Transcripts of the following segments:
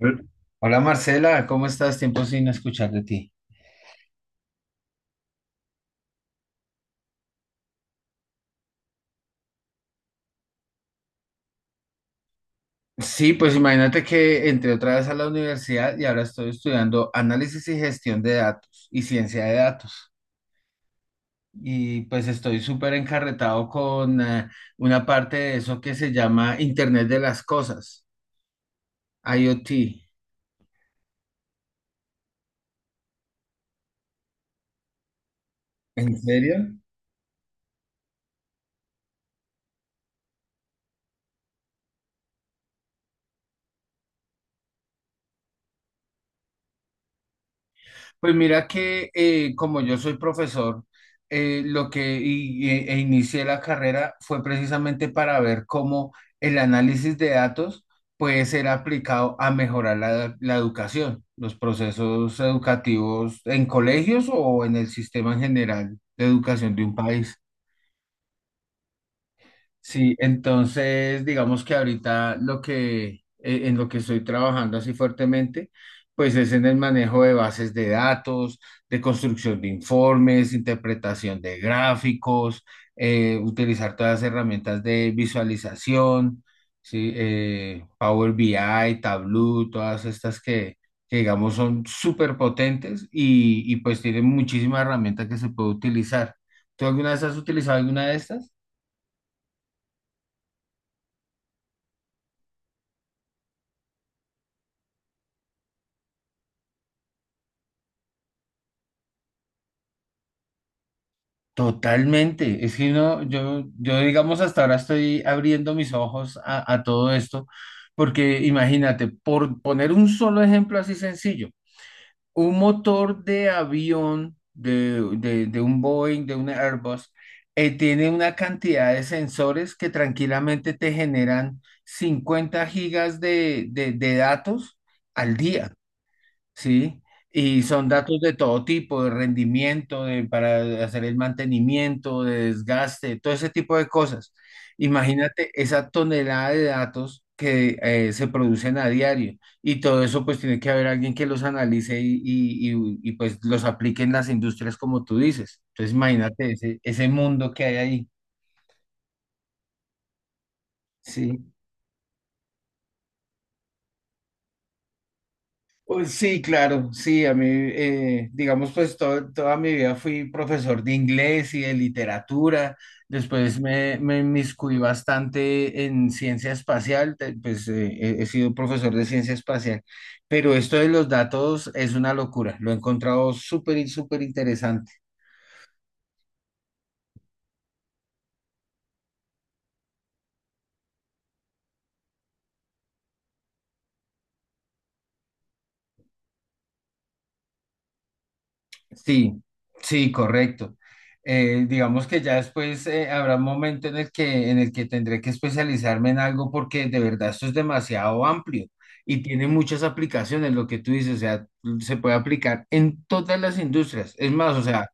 Hol- Hola Marcela, ¿cómo estás? Tiempo sin escuchar de ti. Sí, pues imagínate que entré otra vez a la universidad y ahora estoy estudiando análisis y gestión de datos y ciencia de datos. Y pues estoy súper encarretado con una parte de eso que se llama Internet de las Cosas, IoT. ¿En serio? Pues mira que como yo soy profesor, lo que y- e, e inicié la carrera fue precisamente para ver cómo el análisis de datos puede ser aplicado a mejorar la educación, los procesos educativos en colegios o en el sistema en general de educación de un país. Sí, entonces digamos que ahorita lo que en lo que estoy trabajando así fuertemente, pues es en el manejo de bases de datos, de construcción de informes, interpretación de gráficos, utilizar todas las herramientas de visualización, sí, Power BI, Tableau, todas estas que digamos son súper potentes y pues tienen muchísimas herramientas que se puede utilizar. ¿Tú alguna vez has utilizado alguna de estas? Totalmente. Es que no, yo digamos hasta ahora estoy abriendo mis ojos a todo esto, porque imagínate, por poner un solo ejemplo así sencillo, un motor de avión, de un Boeing, de un Airbus, tiene una cantidad de sensores que tranquilamente te generan 50 gigas de datos al día. Sí, y son datos de todo tipo, de rendimiento, de, para hacer el mantenimiento, de desgaste, todo ese tipo de cosas. Imagínate esa tonelada de datos que se producen a diario, y todo eso pues tiene que haber alguien que los analice y pues los aplique en las industrias como tú dices. Entonces imagínate ese mundo que hay ahí. Sí. Pues sí, claro, sí, a mí, digamos, pues to- toda mi vida fui profesor de inglés y de literatura, después me inmiscuí bastante en ciencia espacial, he sido profesor de ciencia espacial, pero esto de los datos es una locura, lo he encontrado súper, y súper interesante. Sí, sí, correcto. Digamos que ya después habrá un momento en el que tendré que especializarme en algo porque de verdad esto es demasiado amplio y tiene muchas aplicaciones, lo que tú dices, o sea, se puede aplicar en todas las industrias. Es más, o sea,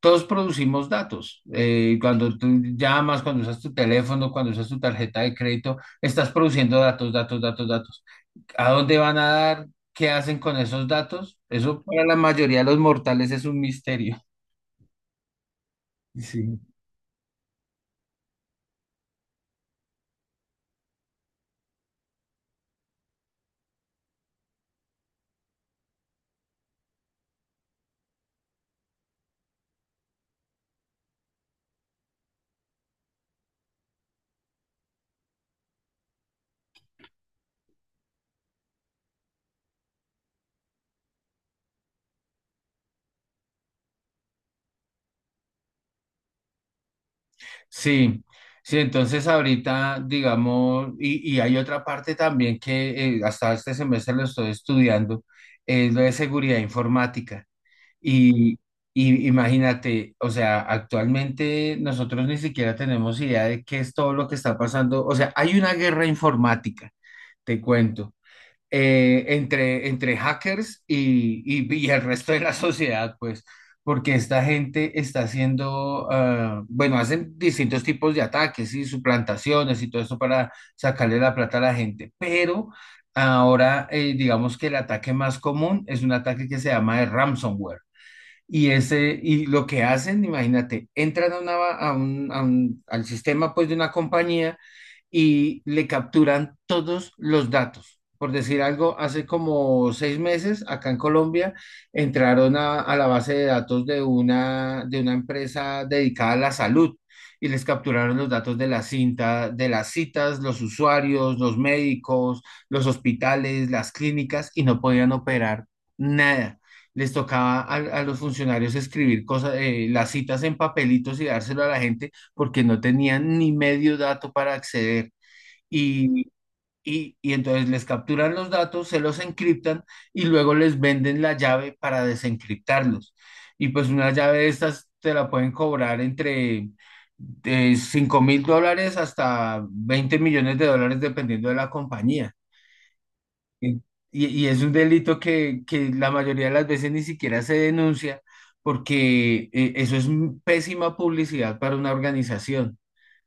todos producimos datos. Cuando tú llamas, cuando usas tu teléfono, cuando usas tu tarjeta de crédito, estás produciendo datos, datos, datos, datos. ¿A dónde van a dar? ¿Qué hacen con esos datos? Eso para la mayoría de los mortales es un misterio. Sí. Sí, sí, entonces ahorita, digamos, y hay otra parte también que hasta este semestre lo estoy estudiando, es lo de seguridad informática. Y, y imagínate, o sea, actualmente nosotros ni siquiera tenemos idea de qué es todo lo que está pasando. O sea, hay una guerra informática, te cuento. Entre hackers y el resto de la sociedad, pues, porque esta gente está haciendo, ah, bueno, hacen distintos tipos de ataques y suplantaciones y todo eso para sacarle la plata a la gente, pero ahora digamos que el ataque más común es un ataque que se llama de ransomware. Y lo que hacen, imagínate, entran a una, a un- al sistema pues, de una compañía y le capturan todos los datos. Por decir algo, hace como seis meses acá en Colombia entraron a la base de datos de una empresa dedicada a la salud y les capturaron los datos de las citas, los usuarios, los médicos, los hospitales, las clínicas y no podían operar nada. Les tocaba a los funcionarios escribir cosas, las citas en papelitos y dárselo a la gente porque no tenían ni medio dato para acceder. Y, y entonces les capturan los datos, se los encriptan y luego les venden la llave para desencriptarlos. Y pues una llave de estas te la pueden cobrar entre de 5 mil dólares hasta 20 millones de dólares dependiendo de la compañía. Y, y es un delito que la mayoría de las veces ni siquiera se denuncia porque eso es pésima publicidad para una organización.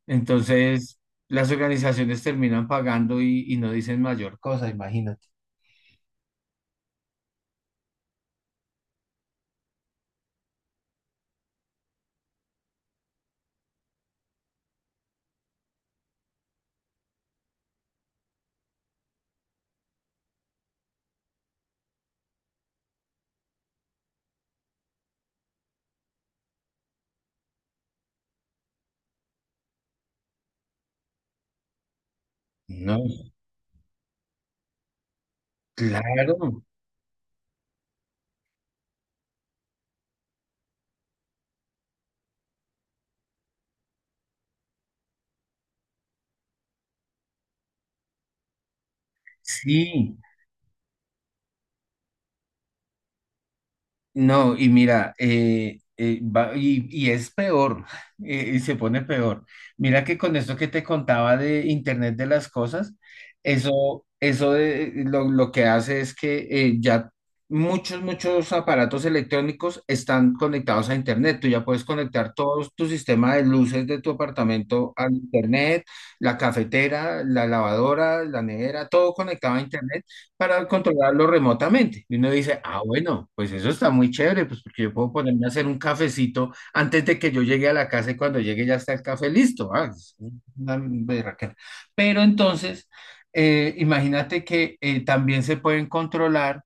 Entonces, las organizaciones terminan pagando y no dicen mayor cosa, imagínate. No, claro, sí. No, y mira, y es peor, y se pone peor. Mira que con esto que te contaba de Internet de las cosas, lo que hace es que ya muchos aparatos electrónicos están conectados a Internet. Tú ya puedes conectar todo tu sistema de luces de tu apartamento al Internet, la cafetera, la lavadora, la nevera, todo conectado a Internet para controlarlo remotamente. Y uno dice, ah, bueno, pues eso está muy chévere, pues porque yo puedo ponerme a hacer un cafecito antes de que yo llegue a la casa y cuando llegue ya está el café listo. Ah, es una berraquera. Pero entonces, imagínate que también se pueden controlar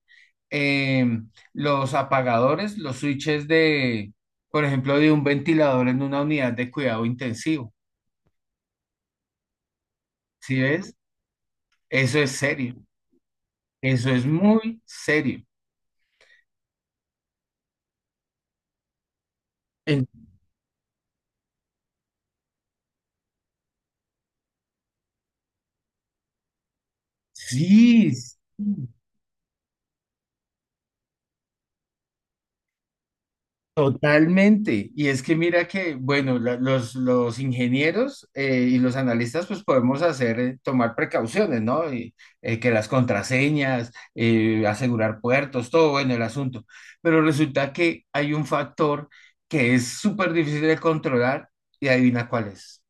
eh, los apagadores, los switches de, por ejemplo, de un ventilador en una unidad de cuidado intensivo. ¿Sí ves? Eso es serio. Eso es muy serio. Sí, s- Totalmente. Y es que mira que, bueno, los ingenieros y los analistas pues podemos hacer, tomar precauciones, ¿no? Que las contraseñas, asegurar puertos, todo bueno el asunto. Pero resulta que hay un factor que es súper difícil de controlar, y adivina cuál es.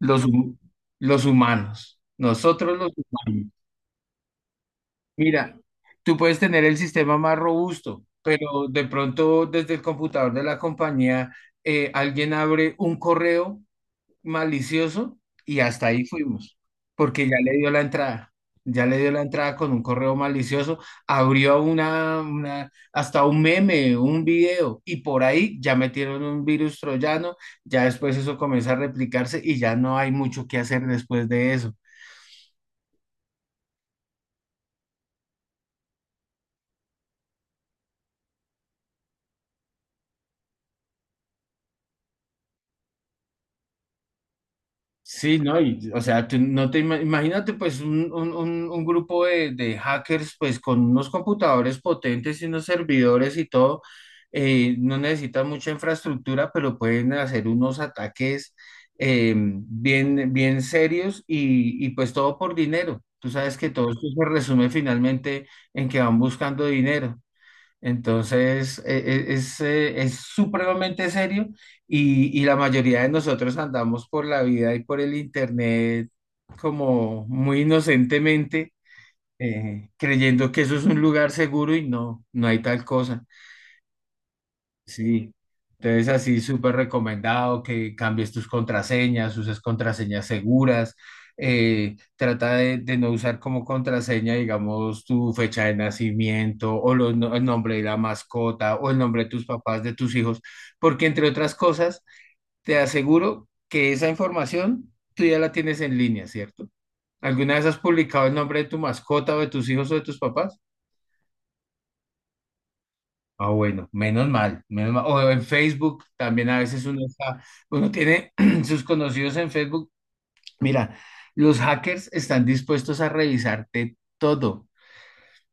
Los, hu- los humanos. Nosotros los humanos. Mira, tú puedes tener el sistema más robusto, pero de pronto desde el computador de la compañía alguien abre un correo malicioso y hasta ahí fuimos, porque ya le dio la entrada, ya le dio la entrada con un correo malicioso, abrió hasta un meme, un video y por ahí ya metieron un virus troyano, ya después eso comienza a replicarse y ya no hay mucho que hacer después de eso. Sí, ¿no? Y, o sea, tú no te ima- imagínate pues un, un grupo de hackers pues con unos computadores potentes y unos servidores y todo, no necesitan mucha infraestructura, pero pueden hacer unos ataques bien serios y pues todo por dinero. Tú sabes que todo esto se resume finalmente en que van buscando dinero. Entonces, es supremamente serio y la mayoría de nosotros andamos por la vida y por el internet como muy inocentemente, creyendo que eso es un lugar seguro y no, no hay tal cosa. Sí, entonces así súper recomendado que cambies tus contraseñas, uses contraseñas seguras, trata de no usar como contraseña, digamos, tu fecha de nacimiento o los no- el nombre de la mascota o el nombre de tus papás, de tus hijos, porque entre otras cosas, te aseguro que esa información tú ya la tienes en línea, ¿cierto? ¿Alguna vez has publicado el nombre de tu mascota o de tus hijos o de tus papás? Ah, bueno, menos mal, menos mal. O en Facebook también a veces uno está, uno tiene sus conocidos en Facebook. Mira, los hackers están dispuestos a revisarte todo.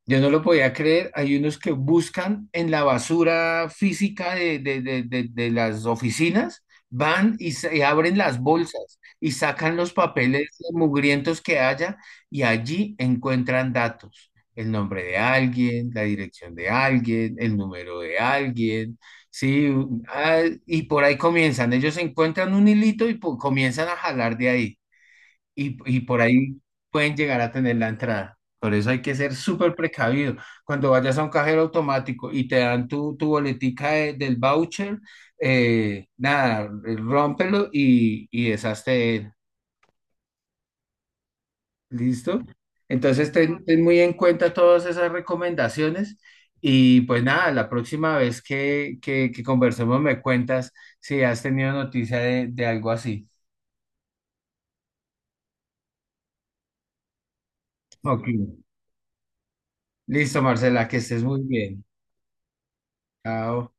Yo no lo podía creer. Hay unos que buscan en la basura física de las oficinas, van y abren las bolsas y sacan los papeles mugrientos que haya, y allí encuentran datos. El nombre de alguien, la dirección de alguien, el número de alguien, sí, ah, y por ahí comienzan. Ellos encuentran un hilito y comienzan a jalar de ahí, y por ahí pueden llegar a tener la entrada. Por eso hay que ser súper precavido. Cuando vayas a un cajero automático y te dan tu boletica del voucher, nada, rómpelo y deshazte de él. ¿Listo? Entonces ten, ten muy en cuenta todas esas recomendaciones y pues nada, la próxima vez que conversemos me cuentas si has tenido noticia de algo así. Ok. Listo, Marcela, que estés muy bien. Chao.